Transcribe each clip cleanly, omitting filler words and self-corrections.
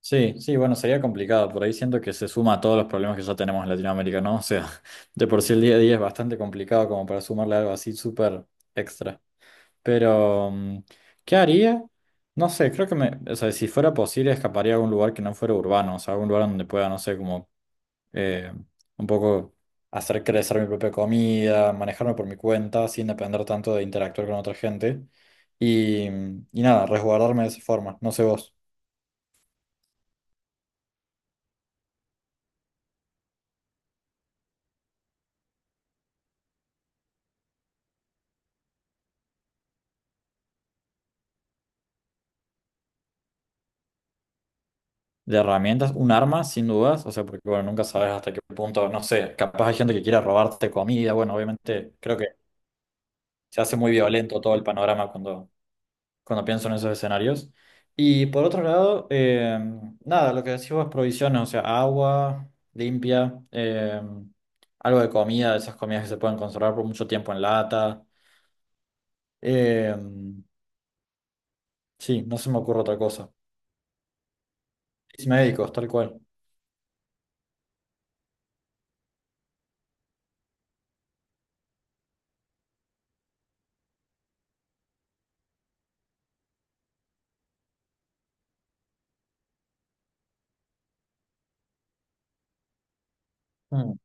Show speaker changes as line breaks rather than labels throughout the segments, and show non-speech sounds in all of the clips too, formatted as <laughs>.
Sí, sí, bueno, sería complicado. Por ahí siento que se suma a todos los problemas que ya tenemos en Latinoamérica, ¿no? O sea, <laughs> de por sí el día a día es bastante complicado como para sumarle algo así súper extra. Pero, mm, ¿qué haría? No sé, creo que me, o sea, si fuera posible, escaparía a algún lugar que no fuera urbano, o sea, algún lugar donde pueda, no sé, como eh, un poco hacer crecer mi propia comida, manejarme por mi cuenta, sin depender tanto de interactuar con otra gente. Y nada, resguardarme de esa forma. No sé vos. De herramientas, un arma, sin dudas, o sea, porque bueno, nunca sabes hasta qué punto, no sé, capaz hay gente que quiera robarte comida, bueno, obviamente creo que se hace muy violento todo el panorama cuando, cuando pienso en esos escenarios. Y por otro lado, nada, lo que decimos es provisiones, o sea, agua limpia, algo de comida, de esas comidas que se pueden conservar por mucho tiempo en lata. eh, sí, no se me ocurre otra cosa. Y médicos, tal cual. Mm,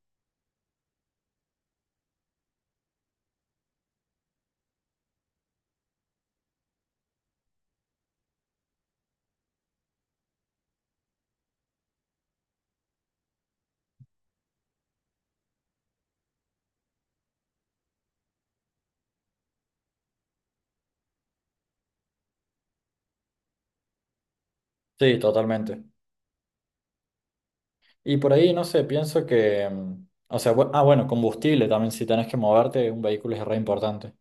sí, totalmente. Y por ahí, no sé, pienso que, mm, o sea, bueno, combustible también, si tenés que moverte, un vehículo es re importante.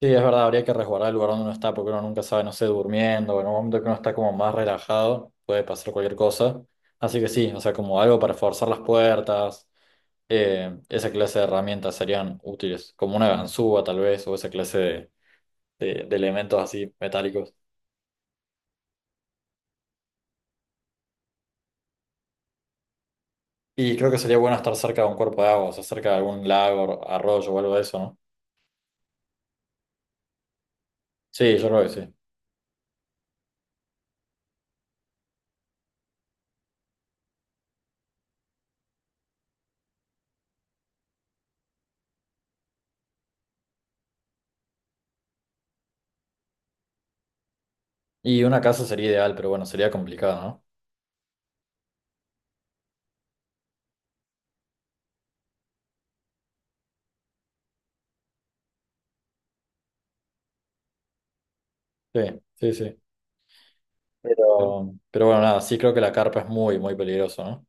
Sí, es verdad, habría que resguardar el lugar donde uno está, porque uno nunca sabe, no sé, durmiendo, o en un momento que uno está como más relajado, puede pasar cualquier cosa. Así que sí, o sea, como algo para forzar las puertas, esa clase de herramientas serían útiles, como una ganzúa tal vez, o esa clase de, de elementos así metálicos. Y creo que sería bueno estar cerca de un cuerpo de agua, o sea, cerca de algún lago, arroyo o algo de eso, ¿no? Sí, yo creo que sí. Y una casa sería ideal, pero bueno, sería complicado, ¿no? Sí, sí, sí. Pero, bueno, nada, sí creo que la carpa es muy, muy peligroso, ¿no?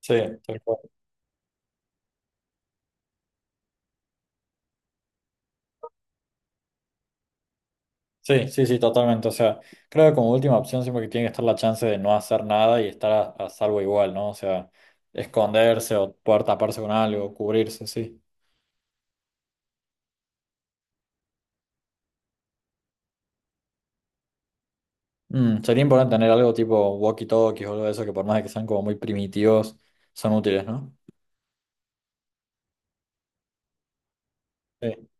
Sí, tal cual. Sí, sí, sí, totalmente. O sea, creo que como última opción siempre que tiene que estar la chance de no hacer nada y estar a salvo igual, ¿no? O sea, esconderse o poder taparse con algo, cubrirse, sí. Mm, sería importante tener algo tipo walkie-talkies o algo de eso que por más de que sean como muy primitivos, son útiles, ¿no? Sí.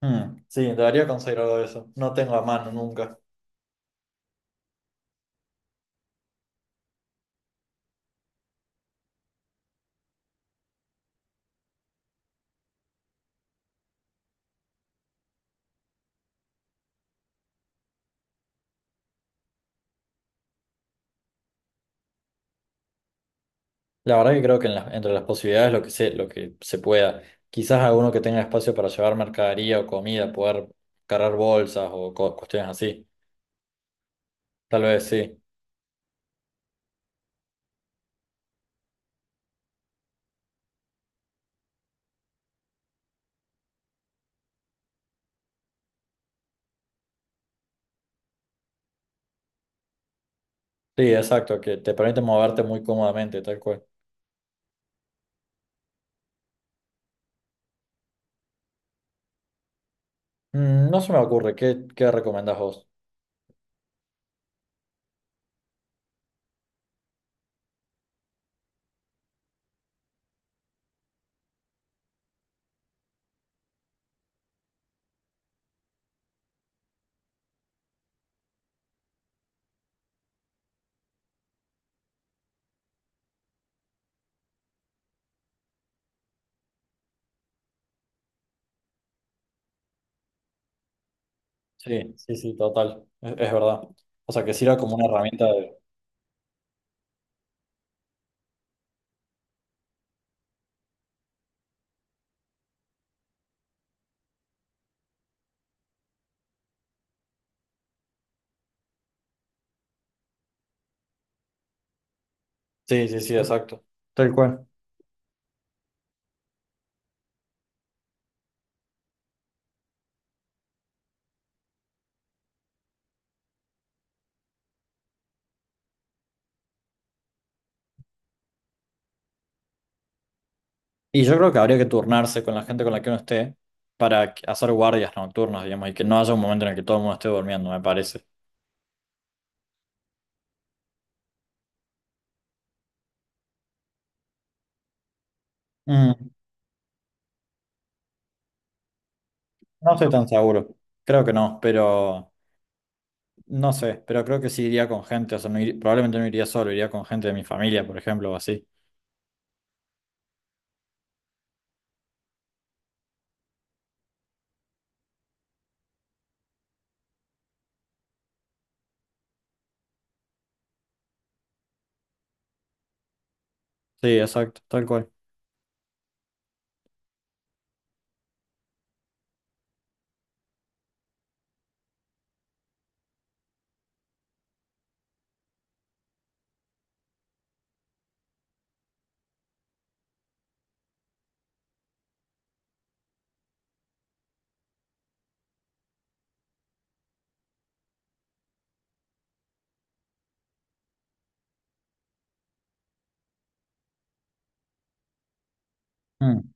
Mm, sí, debería conseguir algo de eso. No tengo a mano nunca. La verdad que creo que en entre las posibilidades lo que se pueda. Quizás alguno que tenga espacio para llevar mercadería o comida, poder cargar bolsas o cuestiones así. Tal vez sí. Sí, exacto, que te permite moverte muy cómodamente, tal cual. Mm, no se me ocurre, ¿qué, qué recomendás vos? Sí, sí, sí, total. Es verdad. O sea, que sirva como una herramienta de... Sí, sí, sí, exacto. Tal cual. Y yo creo que habría que turnarse con la gente con la que uno esté para hacer guardias nocturnas, digamos, y que no haya un momento en el que todo el mundo esté durmiendo, me parece. Mm. No estoy tan seguro. Creo que no, pero no sé, pero creo que sí iría con gente, o sea, probablemente no iría solo, iría con gente de mi familia, por ejemplo, o así. Sí, exacto, tal cual. Mm.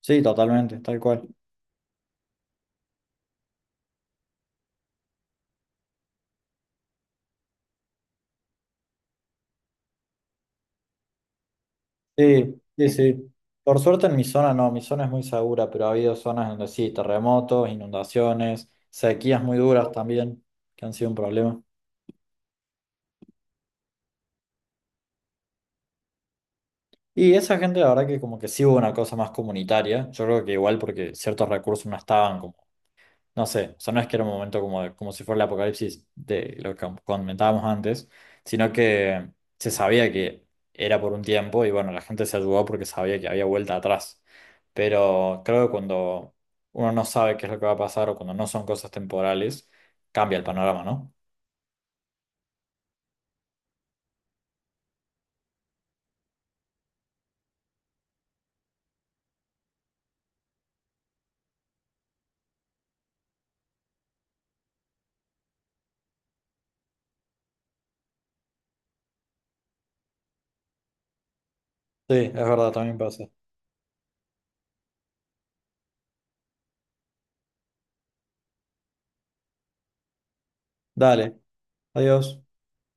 Sí, totalmente, tal cual. Sí, sí, sí. Por suerte en mi zona no, mi zona es muy segura, pero ha habido zonas donde sí, terremotos, inundaciones, sequías muy duras también, que han sido un problema. Y esa gente, la verdad que como que sí hubo una cosa más comunitaria, yo creo que igual porque ciertos recursos no estaban como. No sé, o sea, no es que era un momento como, como si fuera el apocalipsis de lo que comentábamos antes, sino que se sabía que era por un tiempo y bueno, la gente se ayudó porque sabía que había vuelta atrás. Pero creo que cuando uno no sabe qué es lo que va a pasar o cuando no son cosas temporales, cambia el panorama, ¿no? Sí, es verdad, también pasa. Dale, adiós.